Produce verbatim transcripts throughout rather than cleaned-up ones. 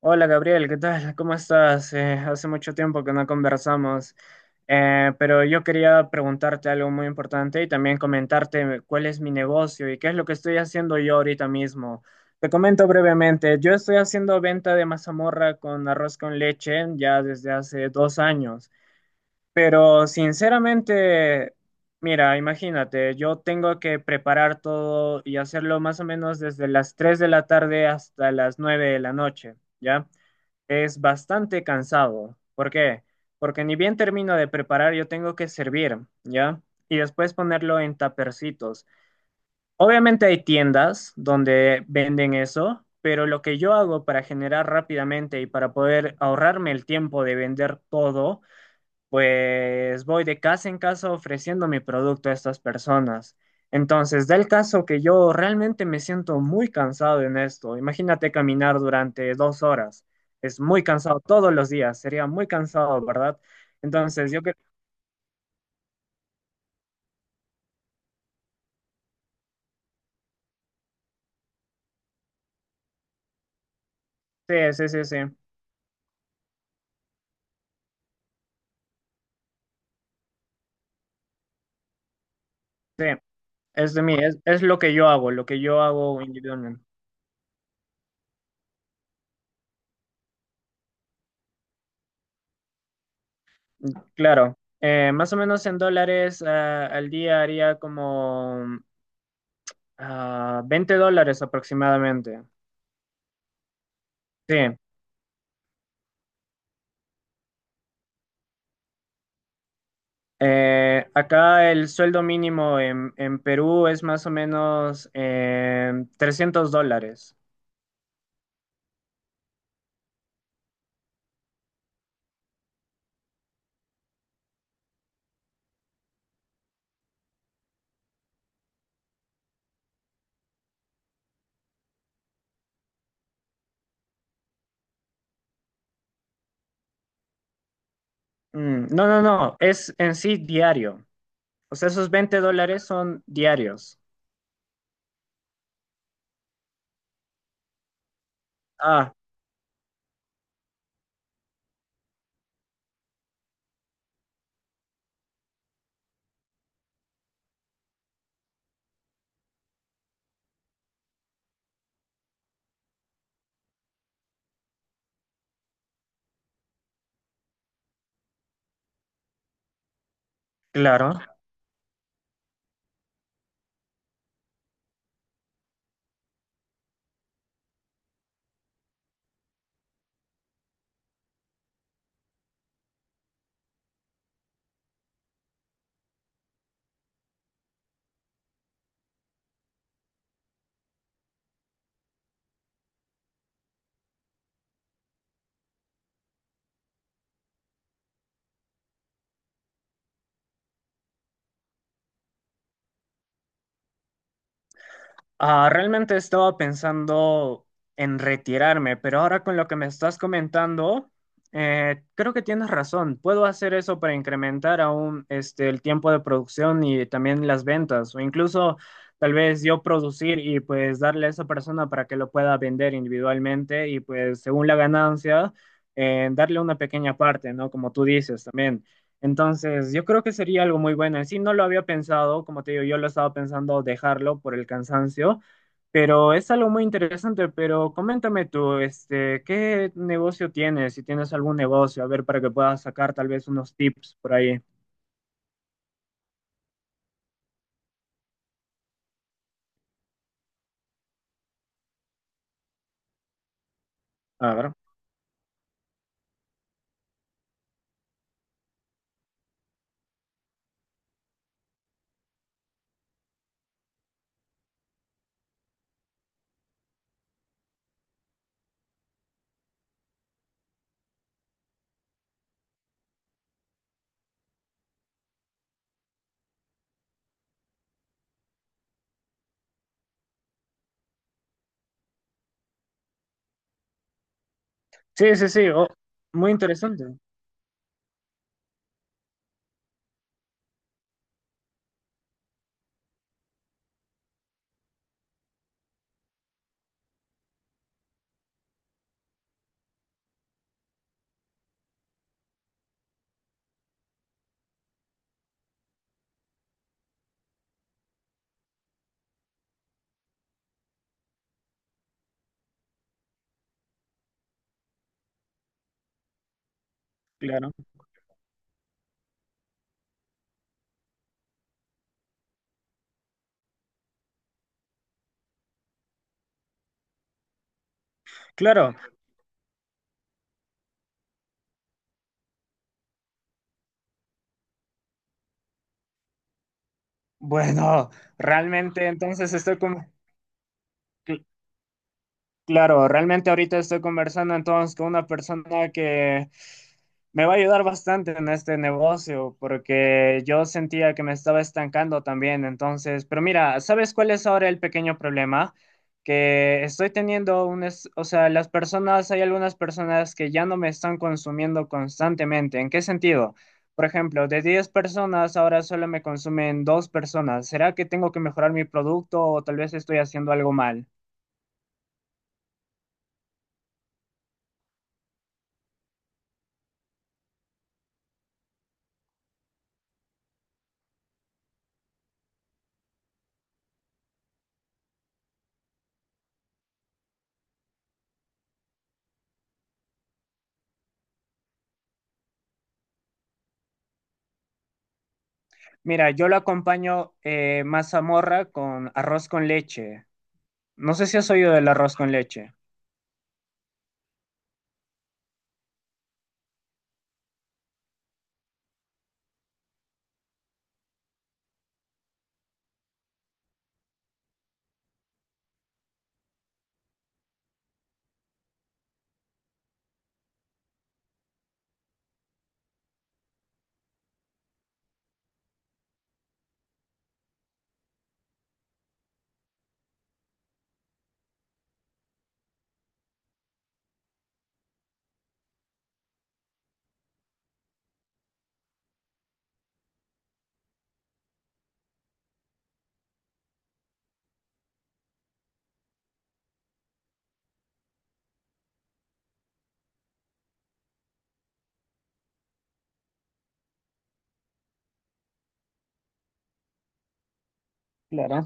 Hola Gabriel, ¿qué tal? ¿Cómo estás? Eh, hace mucho tiempo que no conversamos. Eh, pero yo quería preguntarte algo muy importante y también comentarte cuál es mi negocio y qué es lo que estoy haciendo yo ahorita mismo. Te comento brevemente, yo estoy haciendo venta de mazamorra con arroz con leche ya desde hace dos años, pero sinceramente, mira, imagínate, yo tengo que preparar todo y hacerlo más o menos desde las tres de la tarde hasta las nueve de la noche. ¿Ya? Es bastante cansado. ¿Por qué? Porque ni bien termino de preparar, yo tengo que servir, ¿ya? Y después ponerlo en tapercitos. Obviamente hay tiendas donde venden eso, pero lo que yo hago para generar rápidamente y para poder ahorrarme el tiempo de vender todo, pues voy de casa en casa ofreciendo mi producto a estas personas. Entonces, del caso que yo realmente me siento muy cansado en esto, imagínate caminar durante dos horas, es muy cansado todos los días, sería muy cansado, ¿verdad? Entonces, yo creo que sí, sí, sí, sí, sí, es de mí, es, es lo que yo hago, lo que yo hago individualmente. Claro, eh, más o menos en dólares, eh, al día haría como ah, veinte dólares aproximadamente. Sí. Eh, acá el sueldo mínimo en, en Perú es más o menos, eh, trescientos dólares. Mm, no, no, no, es en sí diario. O sea, esos veinte dólares son diarios. Ah, claro. Ah, realmente estaba pensando en retirarme, pero ahora con lo que me estás comentando, eh, creo que tienes razón. Puedo hacer eso para incrementar aún este, el tiempo de producción y también las ventas, o incluso tal vez yo producir y pues darle a esa persona para que lo pueda vender individualmente y pues según la ganancia, eh, darle una pequeña parte, ¿no? Como tú dices también. Entonces, yo creo que sería algo muy bueno. En sí, no lo había pensado, como te digo, yo lo estaba pensando dejarlo por el cansancio, pero es algo muy interesante. Pero coméntame tú, este, ¿qué negocio tienes? Si tienes algún negocio, a ver, para que puedas sacar tal vez unos tips por ahí. A ver. Sí, sí, sí, oh, muy interesante. Claro, claro. Bueno, realmente entonces estoy como. Claro, realmente ahorita estoy conversando entonces con una persona que me va a ayudar bastante en este negocio porque yo sentía que me estaba estancando también, entonces, pero mira, ¿sabes cuál es ahora el pequeño problema? Que estoy teniendo un, es- o sea, las personas, hay algunas personas que ya no me están consumiendo constantemente. ¿En qué sentido? Por ejemplo, de diez personas ahora solo me consumen dos personas. ¿Será que tengo que mejorar mi producto o tal vez estoy haciendo algo mal? Mira, yo lo acompaño, eh, mazamorra con arroz con leche. No sé si has oído del arroz con leche. Claro.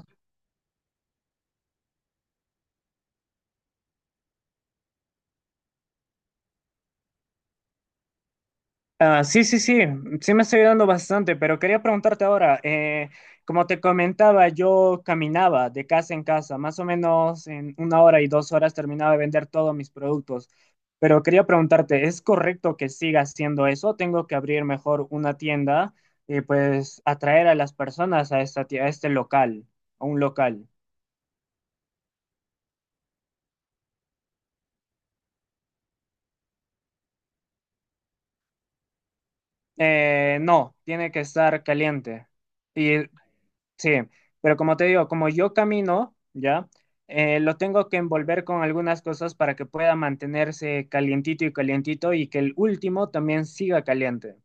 Ah, sí, sí, sí, sí me estoy ayudando bastante, pero quería preguntarte ahora, eh, como te comentaba, yo caminaba de casa en casa, más o menos en una hora y dos horas terminaba de vender todos mis productos, pero quería preguntarte, ¿es correcto que siga haciendo eso? ¿Tengo que abrir mejor una tienda y pues atraer a las personas a esta, tie- a este local, a un local? Eh, no, tiene que estar caliente. Y sí, pero como te digo, como yo camino, ya, eh, lo tengo que envolver con algunas cosas para que pueda mantenerse calientito y calientito y que el último también siga caliente.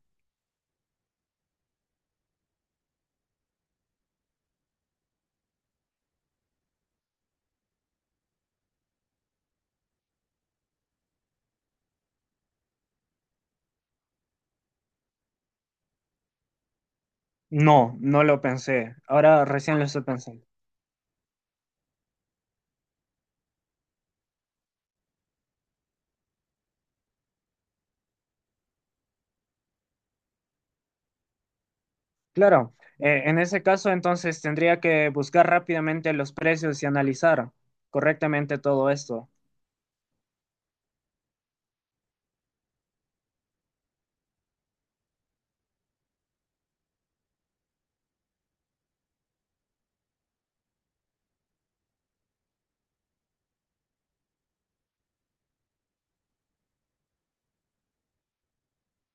No, no lo pensé. Ahora recién lo estoy pensando. Claro, eh, en ese caso entonces tendría que buscar rápidamente los precios y analizar correctamente todo esto.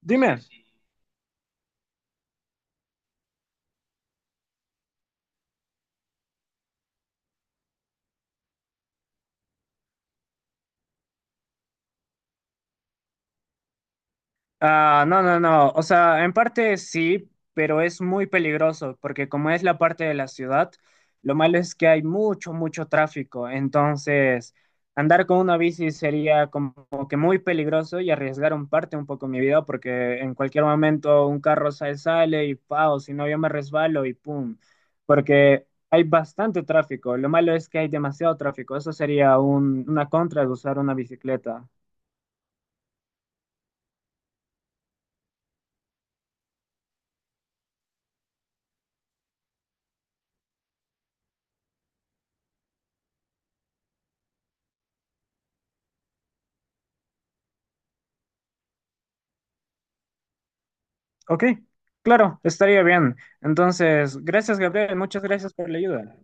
Dime. Ah, no, no, no. O sea, en parte sí, pero es muy peligroso porque como es la parte de la ciudad, lo malo es que hay mucho, mucho tráfico. Entonces, andar con una bici sería como que muy peligroso y arriesgar un parte un poco mi vida porque en cualquier momento un carro sale, sale y pao, si no yo me resbalo y pum. Porque hay bastante tráfico. Lo malo es que hay demasiado tráfico. Eso sería un- una contra de usar una bicicleta. Ok, claro, estaría bien. Entonces, gracias, Gabriel, muchas gracias por la ayuda.